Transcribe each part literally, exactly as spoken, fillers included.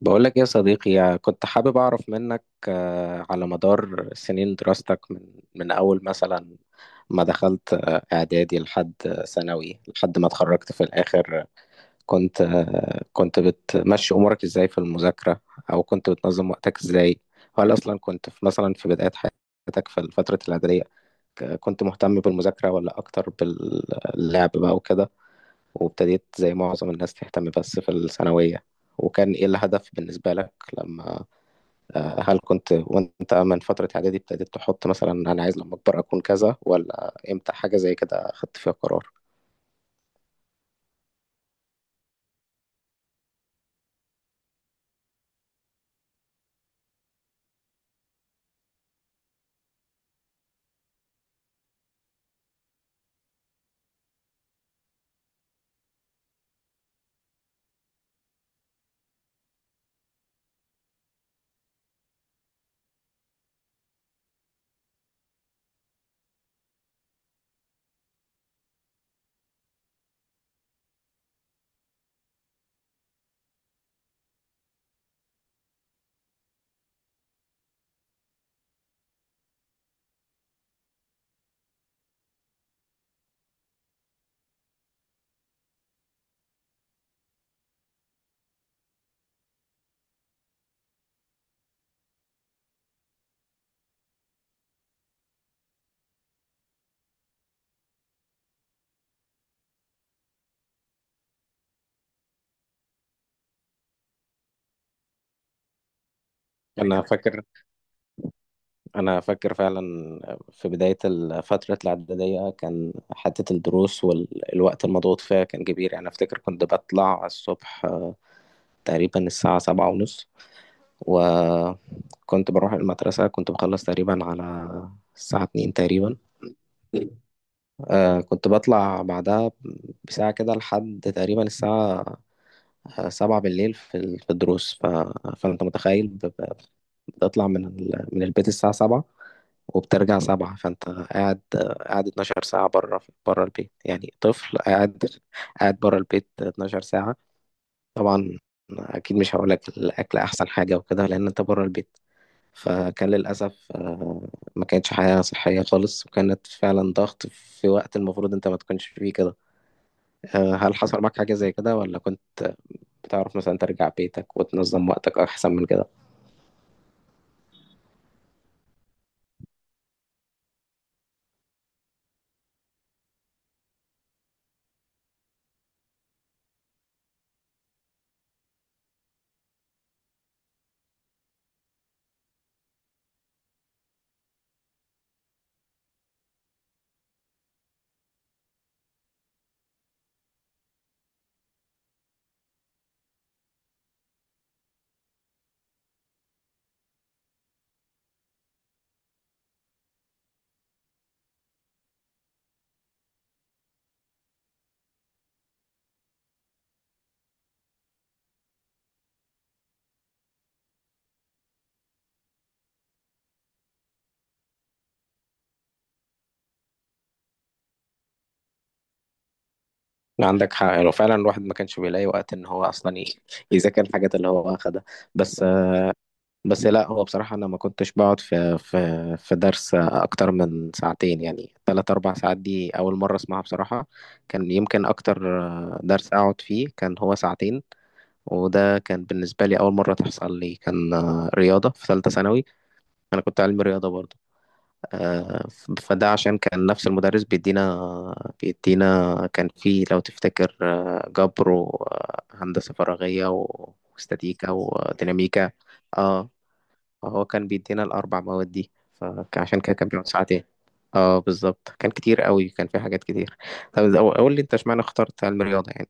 بقولك يا صديقي، يعني كنت حابب أعرف منك آه، على مدار سنين دراستك، من من أول مثلا ما دخلت آه، إعدادي لحد ثانوي لحد ما اتخرجت في الآخر. كنت آه، كنت بتمشي أمورك إزاي في المذاكرة؟ أو كنت بتنظم وقتك إزاي؟ هل أصلا كنت في مثلا في بداية حياتك في فترة الإعدادية، ك- كنت مهتم بالمذاكرة ولا أكتر باللعب بقى وكده، وابتديت زي معظم الناس تهتم بس في الثانوية؟ وكان إيه الهدف بالنسبة لك؟ لما آه، هل كنت وأنت من فترة إعدادي ابتديت تحط مثلا أنا عايز لما أكبر أكون كذا، ولا إمتى حاجة زي كده خدت فيها قرار؟ أنا فاكر أنا فاكر فعلا في بداية ال- فترة الإعدادية كان حتة الدروس والوقت المضغوط فيها كان كبير، يعني أفتكر كنت بطلع الصبح آه، تقريبا الساعة سبعة ونص، وكنت بروح المدرسة، كنت بخلص تقريبا على الساعة اتنين تقريبا. آه كنت بطلع بعدها بساعة كده لحد تقريبا الساعة سبعة بالليل في ال- في الدروس. ف... فأنت متخيل ب- ب- بتطلع من ال... من البيت الساعة سبعة وبترجع سبعة، فأنت قاعد قاعد اثنا عشر ساعة بره بره البيت، يعني طفل قاعد قاعد بره البيت اتناشر ساعة. طبعا أكيد مش هقولك الأكل أحسن حاجة وكده، لأن أنت بره البيت. فكان للأسف آه، ما كانتش حياة صحية خالص، وكانت فعلا ضغط في وقت المفروض أنت ما تكونش فيه كده. آه، هل حصل معاك حاجة زي كده، ولا كنت بتعرف مثلا ترجع بيتك وتنظم وقتك أحسن من كده؟ لا، عندك حق، لو فعلا الواحد ما كانش بيلاقي وقت إن هو أصلا ي- يذاكر الحاجات اللي هو أخدها. بس آه، بس لا، هو بصراحة أنا ما كنتش بقعد في في في درس أكتر من ساعتين، يعني تلات أربع ساعات دي أول مرة أسمعها بصراحة. كان يمكن أكتر آه، درس أقعد فيه كان هو ساعتين، وده كان بالنسبة لي أول مرة تحصل لي، كان آه، رياضة في ثالثة ثانوي. أنا كنت علمي رياضة برضه، آه، ف- فده عشان كان نفس المدرس بيدينا بيدينا كان في، لو تفتكر، آه، جبر وهندسة فراغية و- واستاتيكا وديناميكا. اه، هو كان بيدينا الأربع مواد دي، فعشان كده كان بيقعد ساعتين. اه، بالظبط، كان كتير قوي، كان في حاجات كتير. طب أو- قول لي انت، اشمعنى اخترت علم الرياضة يعني؟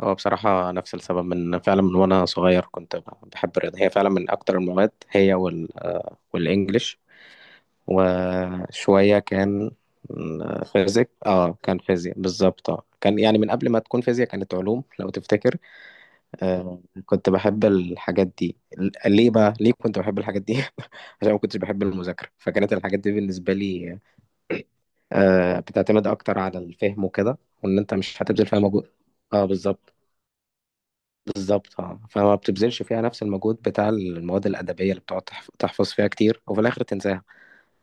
اه، بصراحة نفس السبب، من فعلا من وانا صغير كنت بحب الرياضة، هي فعلا من اكتر المواد، هي وال آه، والانجليش، وشوية كان آه، فيزيك. اه، كان فيزياء بالظبط. اه، كان يعني من قبل ما تكون فيزياء كانت علوم لو تفتكر. آه كنت بحب الحاجات دي، ل- ليه بقى ليه كنت بحب الحاجات دي؟ عشان ما كنتش بحب المذاكرة، فكانت الحاجات دي بالنسبة لي آه بتعتمد اكتر على الفهم وكده، وان انت مش هتبذل فيها مجهود. اه، بالظبط، بالظبط. اه، فما بتبذلش فيها نفس المجهود بتاع المواد الأدبية، اللي بتقعد تحف- تحفظ فيها كتير وفي الآخر تنساها.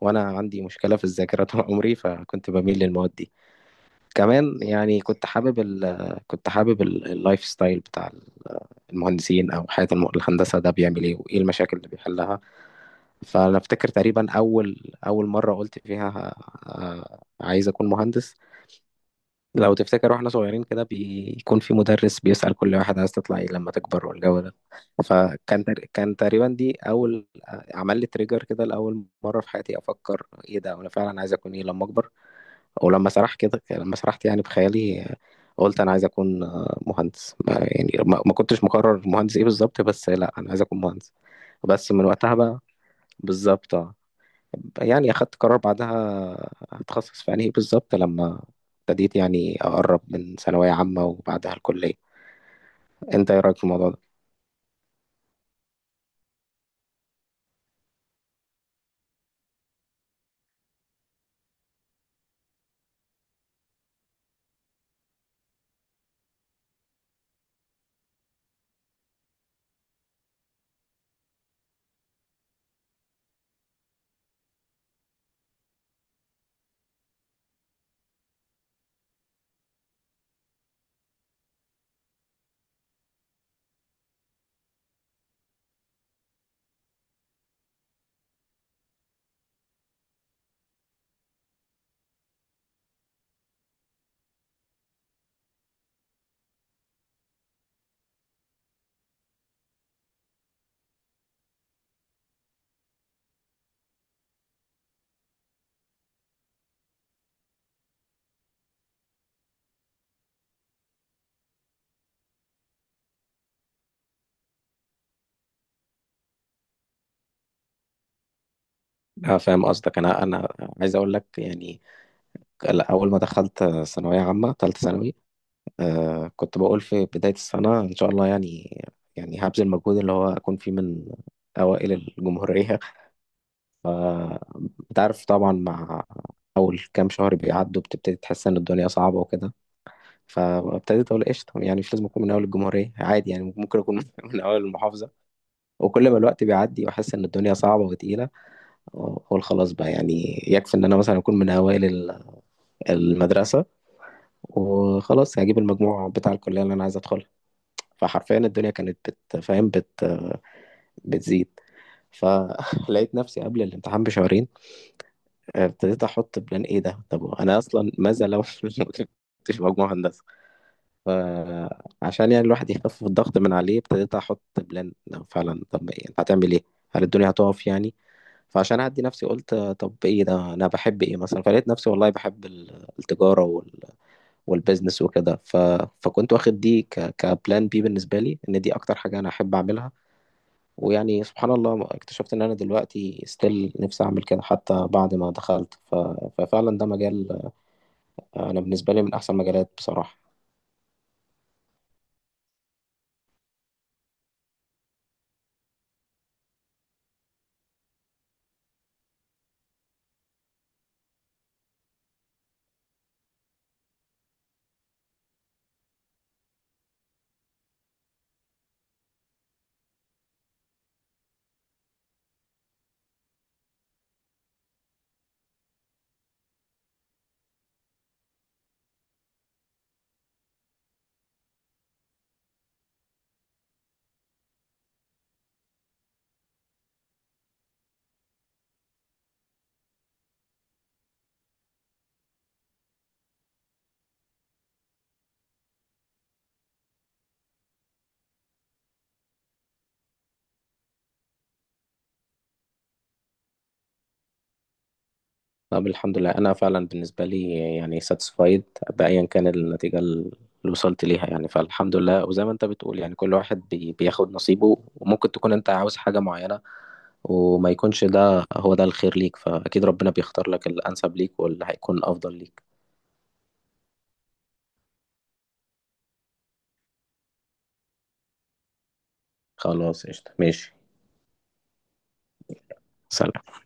وأنا عندي مشكلة في الذاكرة طول عمري، فكنت بميل للمواد دي. كمان يعني كنت حابب ال كنت حابب ال- اللايف ستايل بتاع المهندسين، أو حياة الم- الهندسة، ده بيعمل إيه، وإيه المشاكل اللي بيحلها. فأنا أفتكر تقريبا أول أول مرة قلت فيها آه، عايز أكون مهندس، لو تفتكر واحنا صغيرين كده بيكون في مدرس بيسأل كل واحد، عايز تطلع ايه لما تكبر، والجو ده. فكان تق- كان تقريبا دي اول عمل لي تريجر كده، لاول مره في حياتي افكر ايه ده، انا فعلا عايز اكون ايه لما اكبر. ولما سرح كده لما سرحت يعني بخيالي، قلت انا عايز اكون آه، مهندس، ما يعني ما ما كنتش مقرر مهندس ايه بالظبط، بس لا، انا عايز اكون مهندس. بس من وقتها بقى، بالظبط آه. يعني أخدت قرار بعدها هتخصص في أنهي بالظبط، لما ابتديت يعني أقرب من ثانوية عامة وبعدها الكلية. أنت إيه رأيك في الموضوع ده؟ أنا فاهم قصدك. أنا أنا عايز أقول لك يعني، لا، أول ما دخلت ثانوية عامة تالتة ثانوي آه كنت بقول في بداية السنة إن شاء الله يعني يعني هبذل مجهود اللي هو أكون فيه من أوائل الجمهورية. فأنت عارف طبعا، مع أول كام شهر بيعدوا بتبتدي تحس إن الدنيا صعبة وكده، فابتديت اقول قشطه، يعني مش لازم اكون من اول الجمهوريه، عادي يعني، ممكن اكون من اول المحافظه. وكل ما الوقت بيعدي واحس ان الدنيا صعبه وتقيله، اقول خلاص بقى، يعني يكفي ان انا مثلا اكون من اوائل ال- المدرسه، وخلاص هجيب المجموع بتاع الكليه اللي انا عايز ادخلها. فحرفيا الدنيا كانت بتفهم بت بتزيد، فلقيت نفسي قبل الامتحان بشهرين ابتديت احط بلان، ايه ده، طب انا اصلا ماذا لو ما كنتش مجموع هندسه؟ فعشان يعني الواحد يخفف الضغط من عليه، ابتديت احط بلان لو فعلا، طب إيه هتعمل ايه، هل الدنيا هتقف يعني؟ فعشان اهدي نفسي، قلت آه، طب ايه ده، انا بحب ايه مثلا؟ فلقيت نفسي والله بحب ال- التجاره وال... والبيزنس وكده. ف... فكنت واخد دي ك... كبلان بي بالنسبه لي، ان دي اكتر حاجه انا احب اعملها. ويعني سبحان الله اكتشفت ان انا دلوقتي ستيل نفسي اعمل كده حتى بعد ما دخلت. ف... ففعلا ده مجال، آه، انا بالنسبه لي من احسن مجالات بصراحه. طب الحمد لله، انا فعلا بالنسبه لي يعني ساتسفايد بايا كان النتيجه اللي وصلت ليها يعني. فالحمد لله، وزي ما انت بتقول يعني كل واحد بي بياخد نصيبه، وممكن تكون انت عاوز حاجه معينه وما يكونش ده هو ده الخير ليك، فاكيد ربنا بيختار لك الانسب ليك واللي هيكون افضل ليك. خلاص قشطه، ماشي. سلام.